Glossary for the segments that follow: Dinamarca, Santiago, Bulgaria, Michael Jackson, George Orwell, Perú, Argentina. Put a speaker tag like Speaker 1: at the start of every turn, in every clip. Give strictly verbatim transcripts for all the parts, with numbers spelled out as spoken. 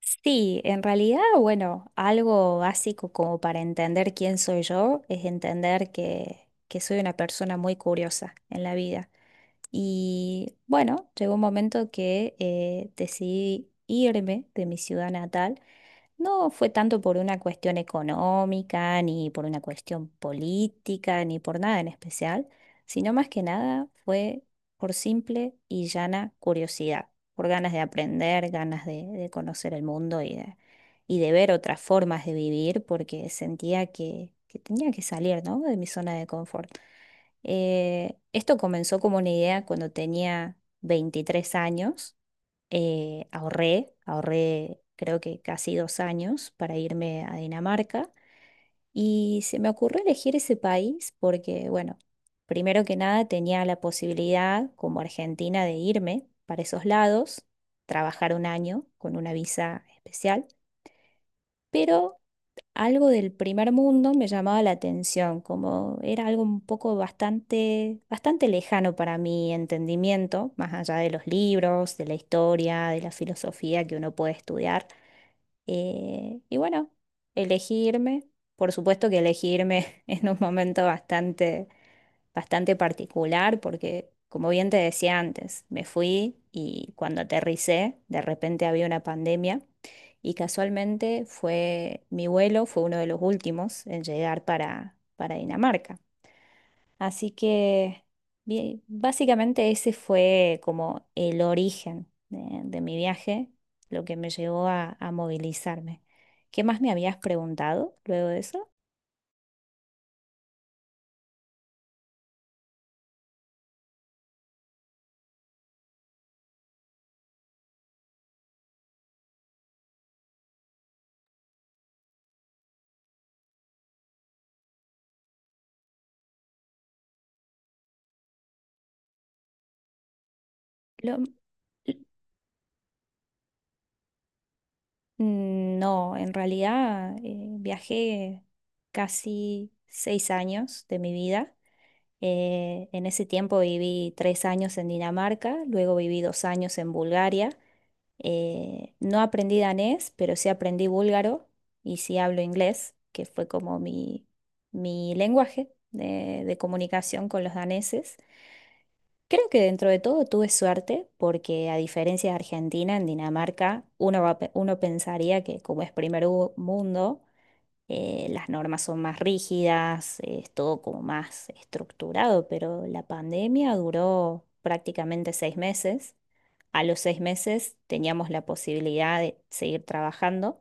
Speaker 1: Sí, en realidad, bueno, algo básico como para entender quién soy yo es entender que, que soy una persona muy curiosa en la vida. Y bueno, llegó un momento que eh, decidí irme de mi ciudad natal. No fue tanto por una cuestión económica, ni por una cuestión política, ni por nada en especial, sino más que nada fue por simple y llana curiosidad por ganas de aprender, ganas de, de conocer el mundo y de, y de ver otras formas de vivir, porque sentía que, que tenía que salir, ¿no?, de mi zona de confort. Eh, esto comenzó como una idea cuando tenía veintitrés años. Eh, ahorré, ahorré creo que casi dos años para irme a Dinamarca. Y se me ocurrió elegir ese país porque, bueno, primero que nada tenía la posibilidad como argentina de irme para esos lados, trabajar un año con una visa especial, pero algo del primer mundo me llamaba la atención, como era algo un poco bastante, bastante lejano para mi entendimiento, más allá de los libros, de la historia, de la filosofía que uno puede estudiar. Eh, y bueno, elegirme, por supuesto que elegirme en un momento bastante, bastante particular, porque como bien te decía antes, me fui y cuando aterricé, de repente había una pandemia y casualmente fue mi vuelo, fue uno de los últimos en llegar para, para Dinamarca. Así que bien, básicamente ese fue como el origen de, de mi viaje, lo que me llevó a, a movilizarme. ¿Qué más me habías preguntado luego de eso? Lo- mm, no, en realidad eh, viajé casi seis años de mi vida. Eh, en ese tiempo viví tres años en Dinamarca, luego viví dos años en Bulgaria. Eh, no aprendí danés, pero sí aprendí búlgaro y sí hablo inglés, que fue como mi, mi lenguaje de, de comunicación con los daneses. Creo que dentro de todo tuve suerte porque a diferencia de Argentina, en Dinamarca uno, va a pe- uno pensaría que como es primer u- mundo, eh, las normas son más rígidas, eh, es todo como más estructurado, pero la pandemia duró prácticamente seis meses. A los seis meses teníamos la posibilidad de seguir trabajando,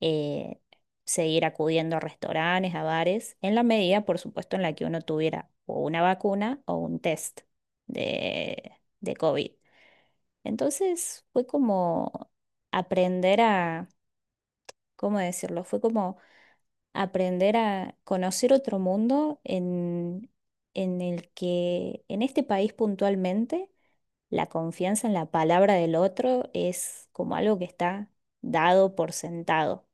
Speaker 1: eh, seguir acudiendo a restaurantes, a bares, en la medida, por supuesto, en la que uno tuviera o una vacuna o un test de, de COVID. Entonces fue como aprender a, ¿cómo decirlo? Fue como aprender a conocer otro mundo en, en el que, en este país puntualmente la confianza en la palabra del otro es como algo que está dado por sentado.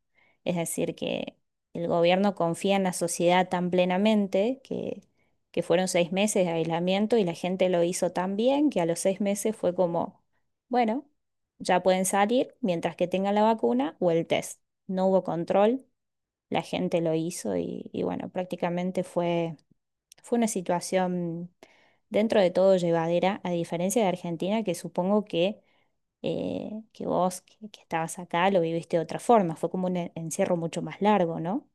Speaker 1: Es decir, que el gobierno confía en la sociedad tan plenamente que, que fueron seis meses de aislamiento y la gente lo hizo tan bien que a los seis meses fue como, bueno, ya pueden salir mientras que tengan la vacuna o el test. No hubo control, la gente lo hizo y, y bueno, prácticamente fue fue una situación dentro de todo llevadera, a diferencia de Argentina, que supongo que, eh, que vos que, que estabas acá lo viviste de otra forma. Fue como un en- encierro mucho más largo, ¿no?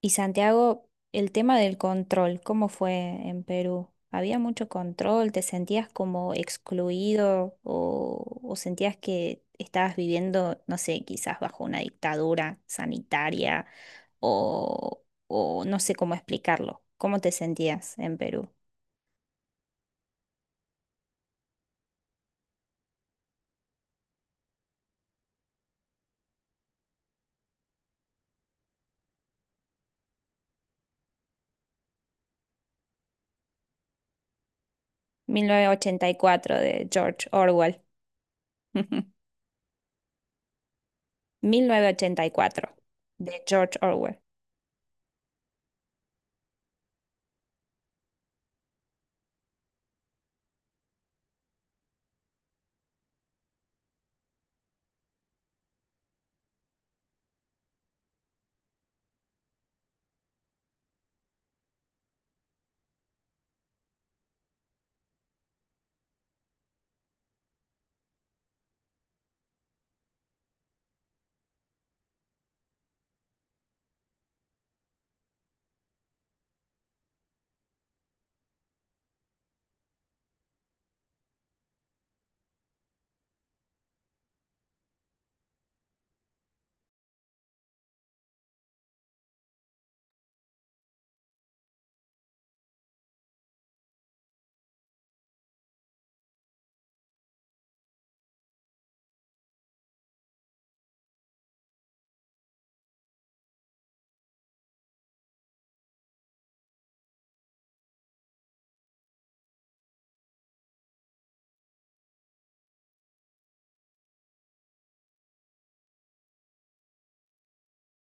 Speaker 1: Y Santiago, el tema del control, ¿cómo fue en Perú? ¿Había mucho control? ¿Te sentías como excluido o, o sentías que estabas viviendo, no sé, quizás bajo una dictadura sanitaria o, o no sé cómo explicarlo? ¿Cómo te sentías en Perú? Mil novecientos ochenta y cuatro de George Orwell. Mil novecientos ochenta y cuatro de George Orwell.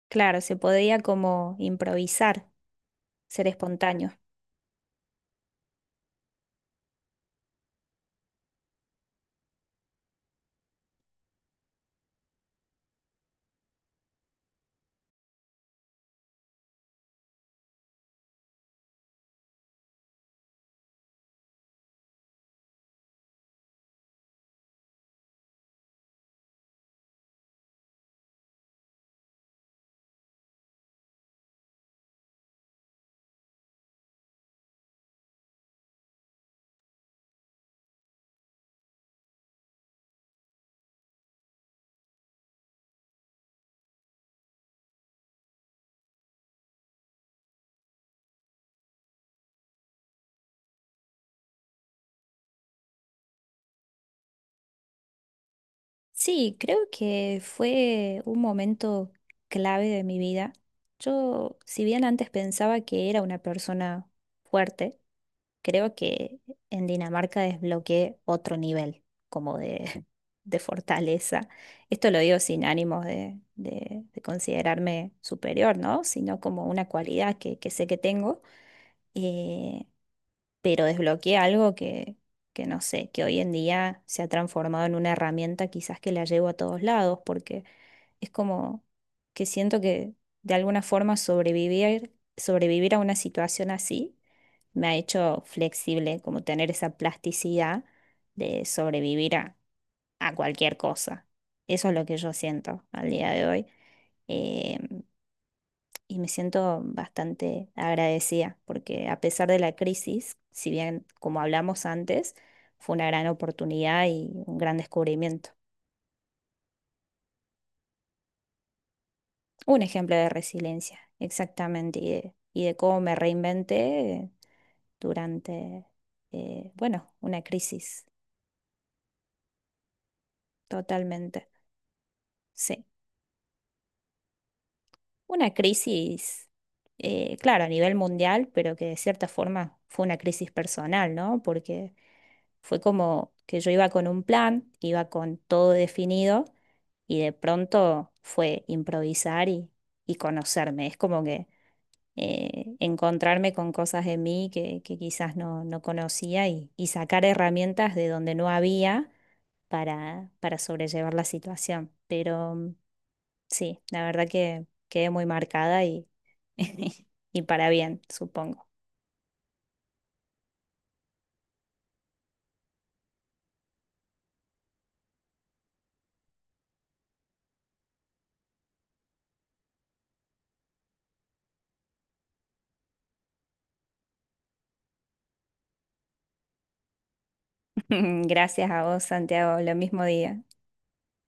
Speaker 1: Claro, se podía como improvisar, ser espontáneo. Sí, creo que fue un momento clave de mi vida. Yo, si bien antes pensaba que era una persona fuerte, creo que en Dinamarca desbloqueé otro nivel como de, de fortaleza. Esto lo digo sin ánimos de, de- de considerarme superior, ¿no? Sino como una cualidad que, que sé que tengo. Eh, pero desbloqueé algo que, que no sé, que hoy en día se ha transformado en una herramienta quizás que la llevo a todos lados, porque es como que siento que de alguna forma sobrevivir, sobrevivir a una situación así me ha hecho flexible, como tener esa plasticidad de sobrevivir a, a cualquier cosa. Eso es lo que yo siento al día de hoy. Em, y me siento bastante agradecida porque a pesar de la crisis, si bien como hablamos antes, fue una gran oportunidad y un gran descubrimiento. Un ejemplo de resiliencia, exactamente, y de, y de cómo me reinventé durante, eh, bueno, una crisis, totalmente. Sí. Una crisis, eh, claro, a nivel mundial, pero que de cierta forma fue una crisis personal, ¿no? Porque fue como que yo iba con un plan, iba con todo definido y de pronto fue improvisar y, y conocerme. Es como que eh, encontrarme con cosas de mí que, que quizás no, no conocía y, y sacar herramientas de donde no había para, para sobrellevar la situación. Pero sí, la verdad que quedé muy marcada y, y para bien, supongo. Gracias a vos, Santiago. Lo mismo día.